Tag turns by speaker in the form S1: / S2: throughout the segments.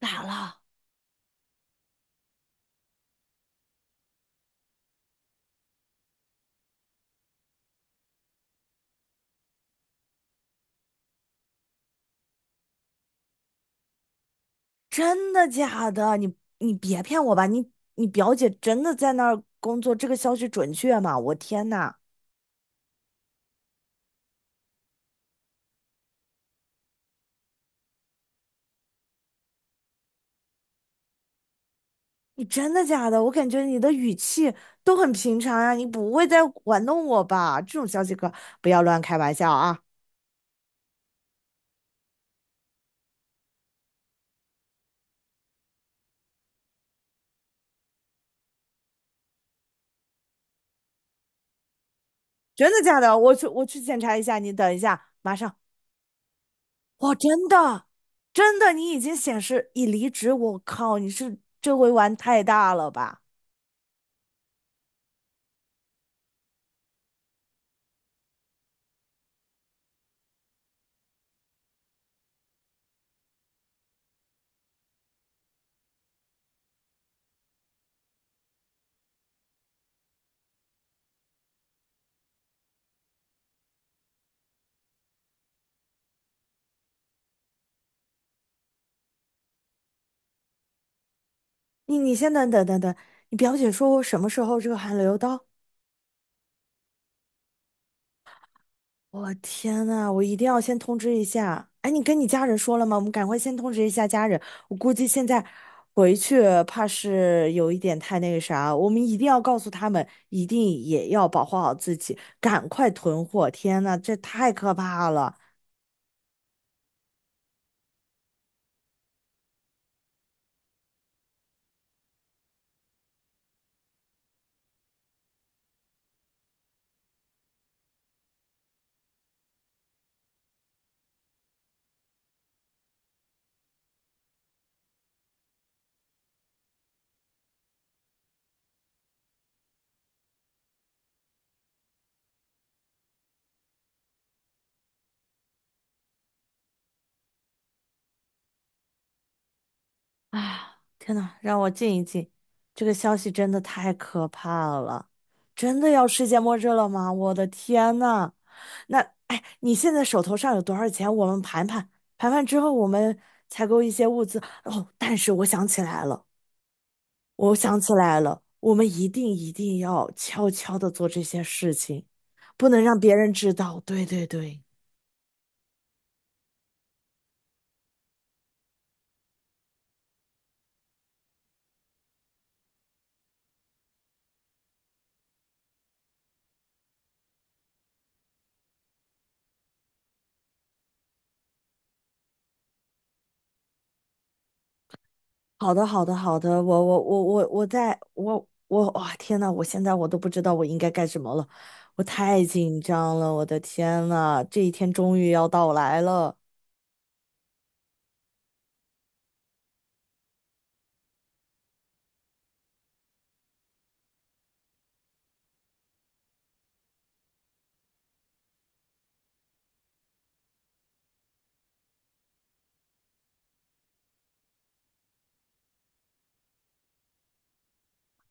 S1: 咋了？真的假的？你别骗我吧！你表姐真的在那儿工作，这个消息准确吗？我天呐，你真的假的？我感觉你的语气都很平常呀，你不会在玩弄我吧？这种消息可不要乱开玩笑啊！真的假的？我去检查一下，你等一下，马上。哇，真的，你已经显示已离职。我靠，你是这回玩太大了吧？你先等等，你表姐说我什么时候这个函留到？我天呐，我一定要先通知一下。哎，你跟你家人说了吗？我们赶快先通知一下家人。我估计现在回去怕是有一点太那个啥，我们一定要告诉他们，一定也要保护好自己，赶快囤货。天呐，这太可怕了！天呐，让我静一静，这个消息真的太可怕了，真的要世界末日了吗？我的天呐！那哎，你现在手头上有多少钱？我们盘盘，盘盘之后我们采购一些物资。哦，但是我想起来了我们一定要悄悄的做这些事情，不能让别人知道。对对对，好的好的好的，我哇、天呐，我现在都不知道我应该干什么了，我太紧张了，我的天呐，这一天终于要到来了。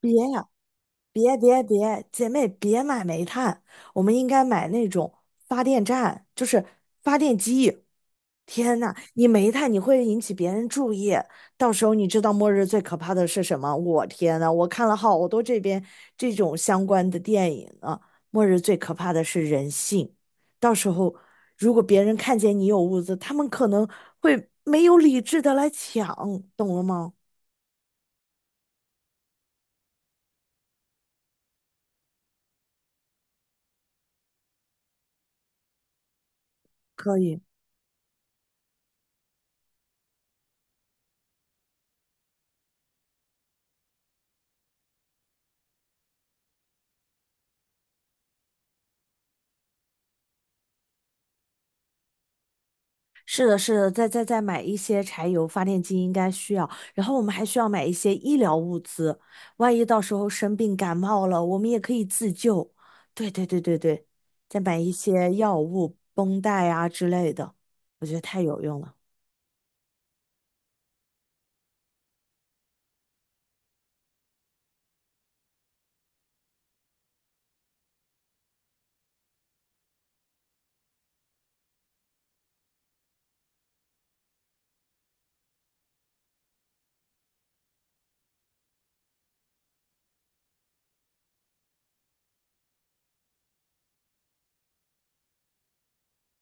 S1: 别呀、别别别，姐妹别买煤炭，我们应该买那种发电站，就是发电机。天呐，你煤炭你会引起别人注意，到时候你知道末日最可怕的是什么？我天呐，我看了好多这边这种相关的电影啊，末日最可怕的是人性。到时候如果别人看见你有物资，他们可能会没有理智的来抢，懂了吗？可以。是的，是的，再买一些柴油发电机应该需要，然后我们还需要买一些医疗物资，万一到时候生病感冒了，我们也可以自救。对对对对对，再买一些药物、绷带啊之类的，我觉得太有用了。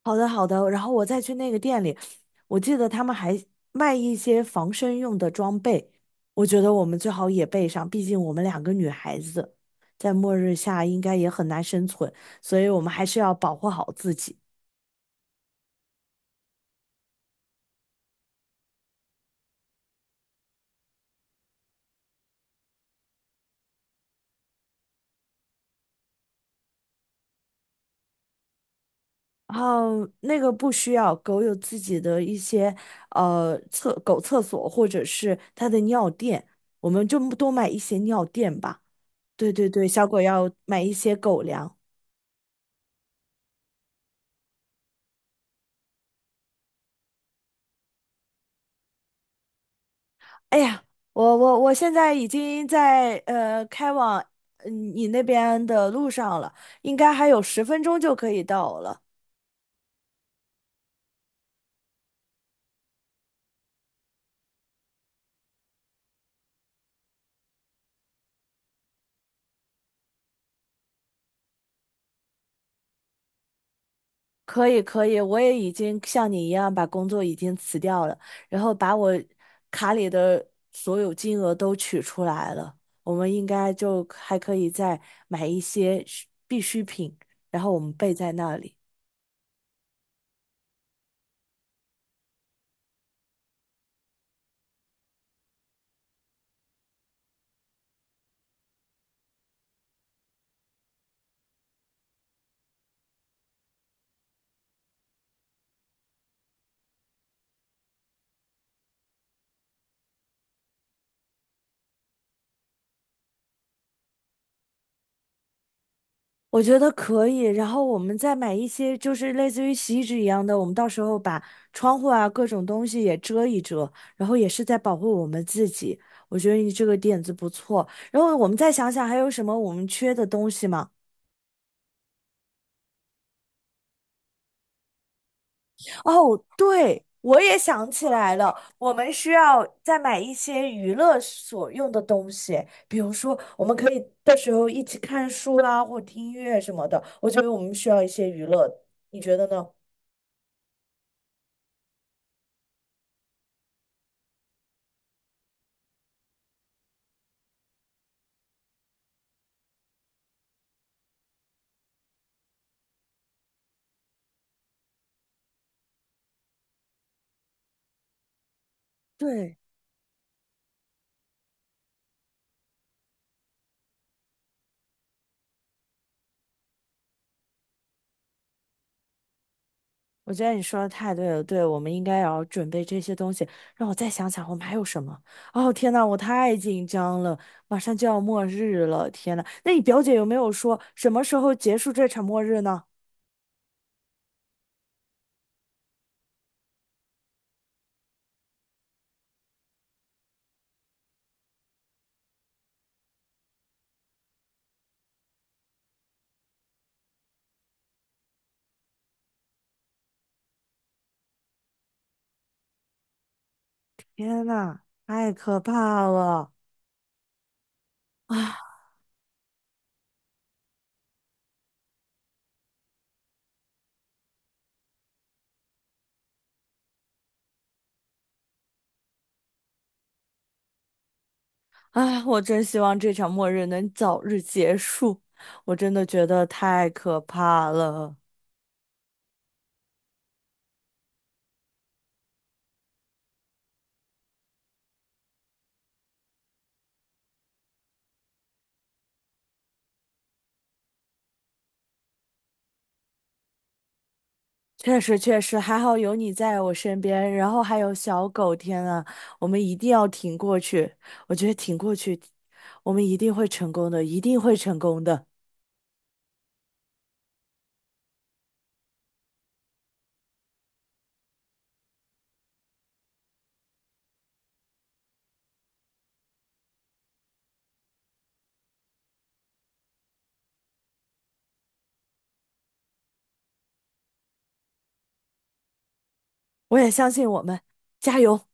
S1: 好的，好的，然后我再去那个店里，我记得他们还卖一些防身用的装备，我觉得我们最好也备上，毕竟我们两个女孩子在末日下应该也很难生存，所以我们还是要保护好自己。然后那个不需要，狗有自己的一些狗厕所或者是它的尿垫，我们就多买一些尿垫吧。对对对，小狗要买一些狗粮。哎呀，我现在已经在开往你那边的路上了，应该还有10分钟就可以到了。可以可以，我也已经像你一样把工作已经辞掉了，然后把我卡里的所有金额都取出来了。我们应该就还可以再买一些需必需品，然后我们备在那里。我觉得可以，然后我们再买一些就是类似于洗衣纸一样的，我们到时候把窗户啊各种东西也遮一遮，然后也是在保护我们自己。我觉得你这个点子不错，然后我们再想想还有什么我们缺的东西吗？哦，对，我也想起来了，我们需要再买一些娱乐所用的东西，比如说我们可以到时候一起看书啦，或听音乐什么的。我觉得我们需要一些娱乐，你觉得呢？对。我觉得你说的太对了，对，我们应该也要准备这些东西。让我再想想，我们还有什么？哦，天呐，我太紧张了，马上就要末日了，天呐，那你表姐有没有说什么时候结束这场末日呢？天呐，太可怕了！啊啊，我真希望这场末日能早日结束，我真的觉得太可怕了。确实确实，还好有你在我身边，然后还有小狗，天啊，我们一定要挺过去，我觉得挺过去，我们一定会成功的，一定会成功的，我也相信我们，加油！